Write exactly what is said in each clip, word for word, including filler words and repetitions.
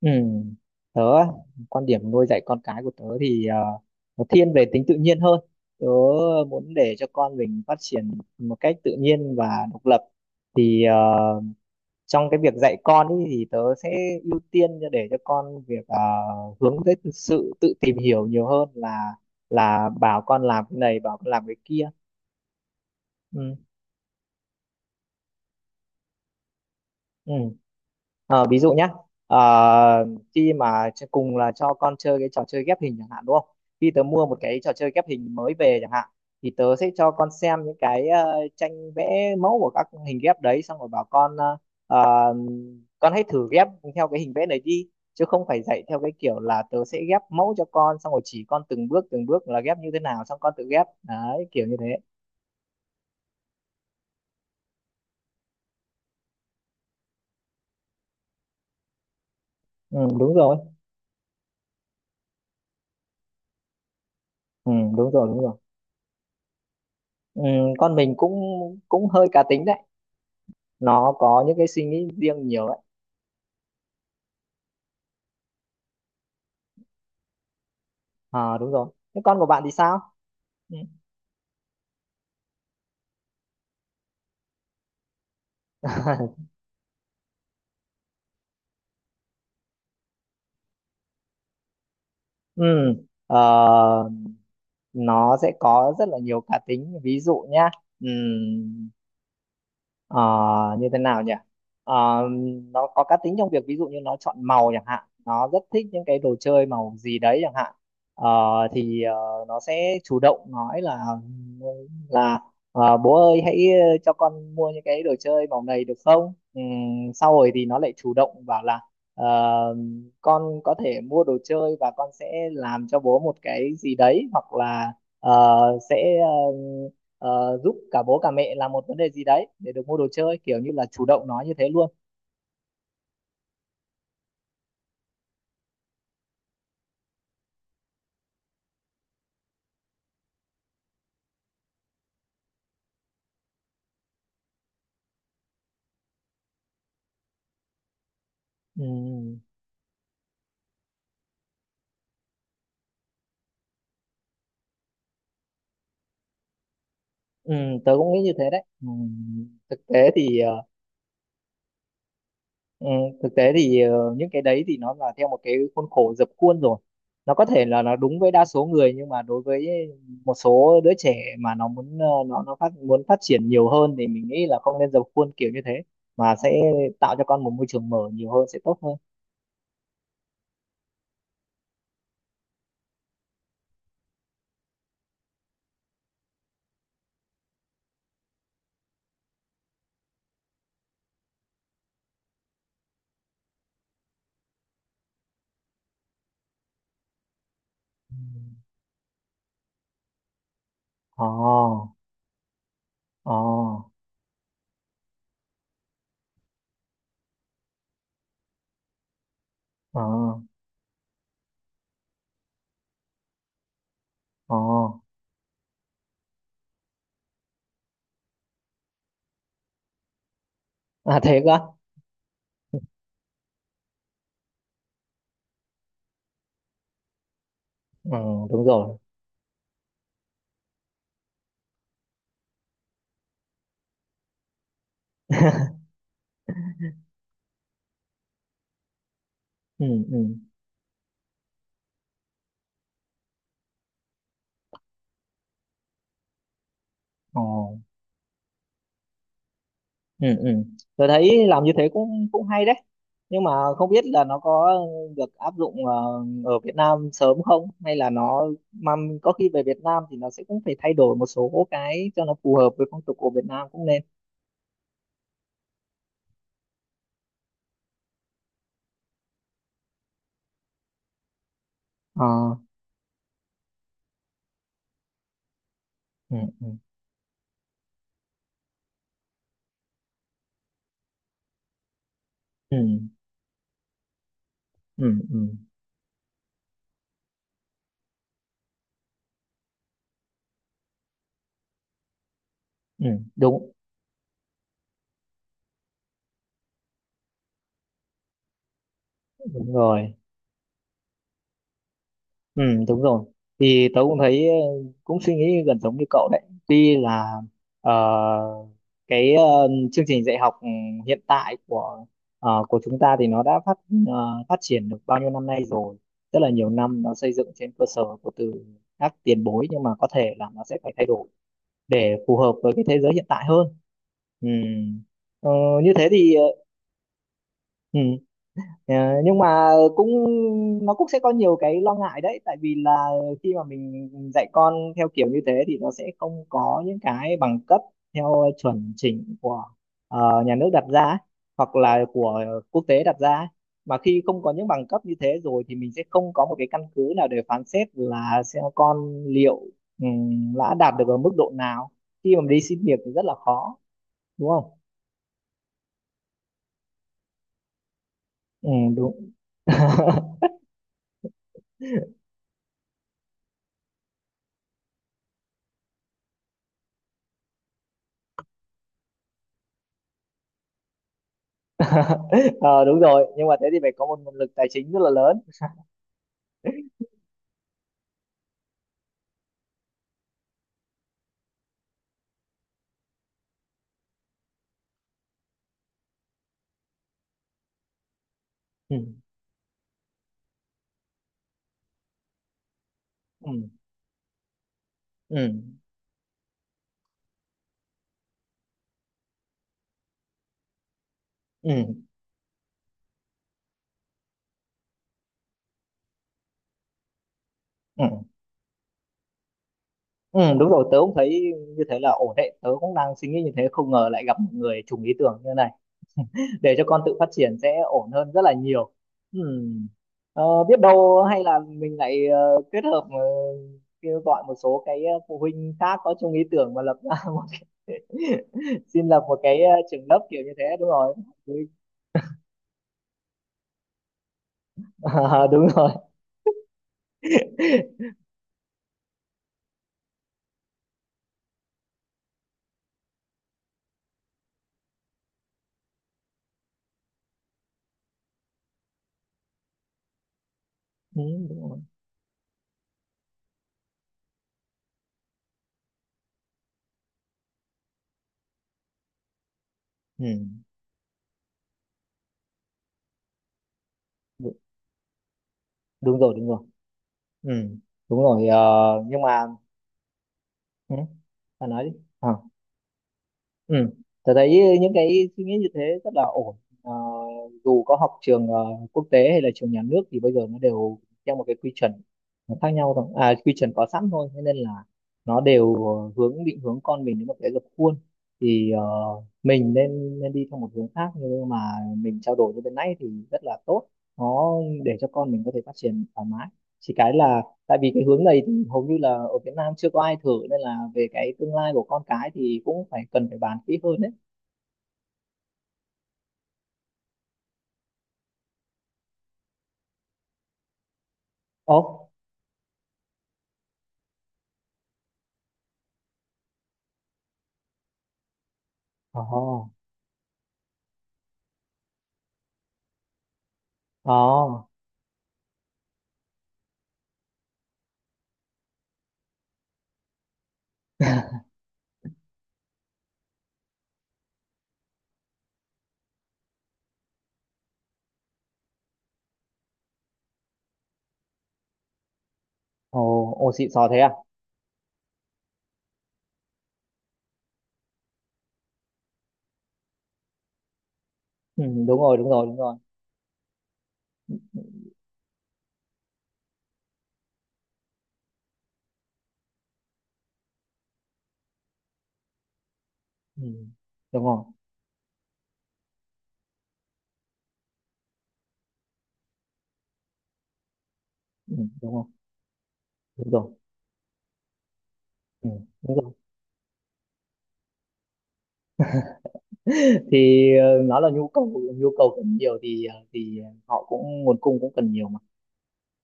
Ừ. Tớ á, quan điểm nuôi dạy con cái của tớ thì ờ, nó thiên về tính tự nhiên hơn. Tớ muốn để cho con mình phát triển một cách tự nhiên và độc lập. Thì ờ, trong cái việc dạy con ý, thì tớ sẽ ưu tiên cho- để cho con việc ờ, hướng tới sự tự tìm hiểu nhiều hơn là là bảo con làm cái này, bảo con làm cái kia. Ừ. Ừ. Ờ, ví dụ nhé, ờ, khi mà ch- cùng là cho con chơi cái trò chơi ghép hình chẳng hạn, đúng không? Khi tớ mua một cái trò chơi ghép hình mới về chẳng hạn, thì tớ sẽ cho con xem những cái ờ, tranh vẽ mẫu của các hình ghép đấy, xong rồi bảo con, ờ, ờ, con hãy thử ghép theo cái hình vẽ này đi, chứ không phải dạy theo cái kiểu là tớ sẽ ghép mẫu cho con xong rồi chỉ con từng bước từng bước là ghép như thế nào xong con tự ghép đấy, kiểu như thế. Ừ, đúng rồi. Ừ, đúng rồi, đúng rồi. Ừ, con mình cũng cũng hơi cá tính đấy, nó có những cái suy nghĩ riêng nhiều đấy. À, đúng rồi. Thế con của bạn thì sao? Ừ. Ừ, ờ, nó sẽ có rất là nhiều cá tính, ví dụ nhá. Ờ, Như thế nào nhỉ? Ờ, nó có cá tính trong việc ví dụ như nó chọn màu chẳng hạn, nó rất thích những cái đồ chơi màu gì đấy chẳng hạn. Ờ, thì ờ, nó sẽ chủ động nói là là ờ, bố ơi hãy, ờ, cho con mua những cái đồ chơi màu này được không. Ừm, sau rồi thì nó lại chủ động bảo là ờ, con có thể mua đồ chơi và con sẽ làm cho bố một cái gì đấy, hoặc là, ờ, sẽ, ờ, ờ, giúp cả bố cả mẹ làm một vấn đề gì đấy để được mua đồ chơi, kiểu như là chủ động nói như thế luôn. Ừ, ừ, tớ cũng nghĩ như thế đấy. Ừ, thực tế thì, ờ, ừ, thực tế thì, ờ, những cái đấy thì nó là theo một cái khuôn khổ dập khuôn rồi, nó có thể là nó đúng với đa số người, nhưng mà đối với một số đứa trẻ mà nó muốn, ờ, nó nó phát muốn phát triển nhiều hơn, thì mình nghĩ là không nên dập khuôn kiểu như thế, mà sẽ tạo cho con một môi trường mở nhiều hơn sẽ tốt hơn. Ồ, ồ. ờ ờ À, thiệt cơ? Ừ, đúng rồi. Ừ, ừ, ờ ừ, ừ, tôi thấy làm như thế cũng cũng hay đấy, nhưng mà không biết là nó có được áp dụng, ờ, ở Việt Nam sớm không, hay là nó, mà có khi về Việt Nam thì nó sẽ cũng phải thay đổi một số cái cho nó phù hợp với phong tục của Việt Nam cũng nên. ờ ừ, ừ, ừ, ừ, ừ, ừ, đúng đúng rồi. Ừ, đúng rồi. Thì tớ cũng thấy, ờ, cũng suy nghĩ gần giống như cậu đấy. Tuy là, ờ, cái, ờ, chương trình dạy học, ừ, hiện tại của ờ, của chúng ta thì nó đã phát ờ, phát triển được bao nhiêu năm nay rồi, rất là nhiều năm, nó xây dựng trên cơ sở của từ các tiền bối, nhưng mà có thể là nó sẽ phải thay đổi để phù hợp với cái thế giới hiện tại hơn. Ừ. Ờ, Như thế thì, ờ, ừ. Ờ, nhưng mà cũng nó cũng sẽ có nhiều cái lo ngại đấy, tại vì là khi mà mình dạy con theo kiểu như thế thì nó sẽ không có những cái bằng cấp theo chuẩn chỉnh của, ờ, nhà nước đặt ra, hoặc là của quốc tế đặt ra, mà khi không có những bằng cấp như thế rồi thì mình sẽ không có một cái căn cứ nào để phán xét là xem con liệu, ừm, đã đạt được ở mức độ nào, khi mà đi xin việc thì rất là khó, đúng không? Ừ, đúng. ờ Đúng rồi, nhưng mà thế thì phải có một nguồn lực tài chính rất là lớn. Ừ, ừ, ừ, ừ, ừ, ừ. Đúng rồi, tớ cũng thấy như thế là ổn đấy, tớ cũng đang suy nghĩ như thế, không ngờ lại gặp một người trùng ý tưởng như này. Để cho con tự phát triển sẽ ổn hơn rất là nhiều. Ừ. Ờ, biết đâu hay là mình lại, ờ, kết hợp, ờ, kêu gọi một số cái, ờ, phụ huynh khác có chung ý tưởng mà lập ra một cái, xin lập một cái, ờ, trường lớp kiểu như thế, đúng rồi. Đúng rồi. Ừ, đúng rồi. Ừ, đú- đúng rồi, đúng rồi. Ừ, đúng rồi, ờ, nhưng mà, ừ, bạn nói đi. Ờ, ừ, tôi thấy những cái suy nghĩ như thế rất là ổn. Ờ, Dù có học trường, ờ, quốc tế hay là trường nhà nước, thì bây giờ nó đều theo một cái quy chuẩn, nó khác nhau thôi, à quy chuẩn có sẵn thôi, thế nên là nó đều, ờ, hướng định hướng con mình đến một cái dập khuôn. Thì, ờ, mình nên nên đi theo một hướng khác, nhưng mà mình trao đổi như bên nãy thì rất là tốt, nó để cho con mình có thể phát triển thoải mái, chỉ cái là tại vì cái hướng này thì hầu như là ở Việt Nam chưa có ai thử, nên là về cái tương lai của con cái thì cũng phải cần phải bàn kỹ hơn đấy. Ồ, ồ, ồ, ồ. Ồ, xịn sò thế à? Ừ, đúng rồi, đúng rồi, đúng rồi. Ừ, đúng rồi. Ừ, đúng rồi, đúng rồi. Ừ, đúng rồi. Thì, ờ, nó là nhu cầu, nhu cầu cần nhiều thì ờ, thì họ cũng, nguồn cung cũng cần nhiều mà.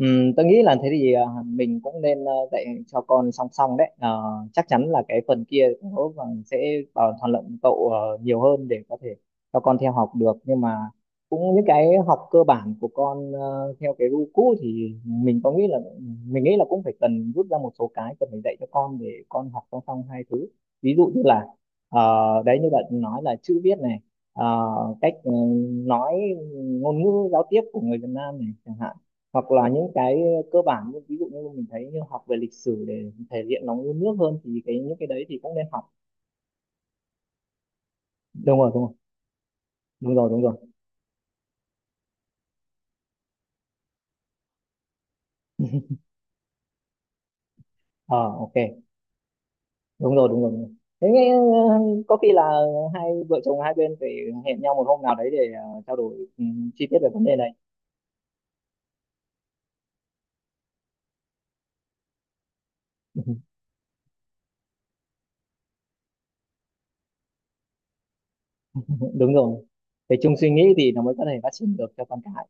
Ừm, tôi nghĩ là thế thì, ờ, mình cũng nên, ờ, dạy cho con song song đấy. Ờ, Chắc chắn là cái phần kia cũng có phần sẽ bảo thuận lợi cậu, ờ, nhiều hơn để có thể cho con theo học được, nhưng mà cũng những cái học cơ bản của con, ờ, theo cái gu cũ thì mình có nghĩ là mình nghĩ là cũng phải cần rút ra một số cái cần phải dạy cho con để con học song song hai thứ. Ví dụ như là, ờ, đấy như bạn nói là chữ viết này, ờ, cách, ừ, nói ngôn ngữ giao tiếp của người Việt Nam này chẳng hạn, hoặc là những cái, ờ, cơ bản như ví dụ như mình thấy như học về lịch sử để thể hiện nó yêu nước hơn, thì cái những cái đấy thì cũng nên học. Đúng rồi, đúng rồi. Đúng rồi, đúng rồi. ờ ok, đúng rồi, đúng rồi, đúng rồi. Thế nghe, ờ, có khi là hai vợ chồng hai bên phải hẹn nhau một hôm nào đấy để, ờ, trao đổi, ừ, chi tiết về vấn đề này. Đúng rồi, phải chung suy nghĩ thì nó mới có thể phát triển được cho con cái.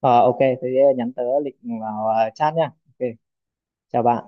ờ ok, thế nhắn tớ lịch vào, ờ, chat nha. Ok, chào bạn.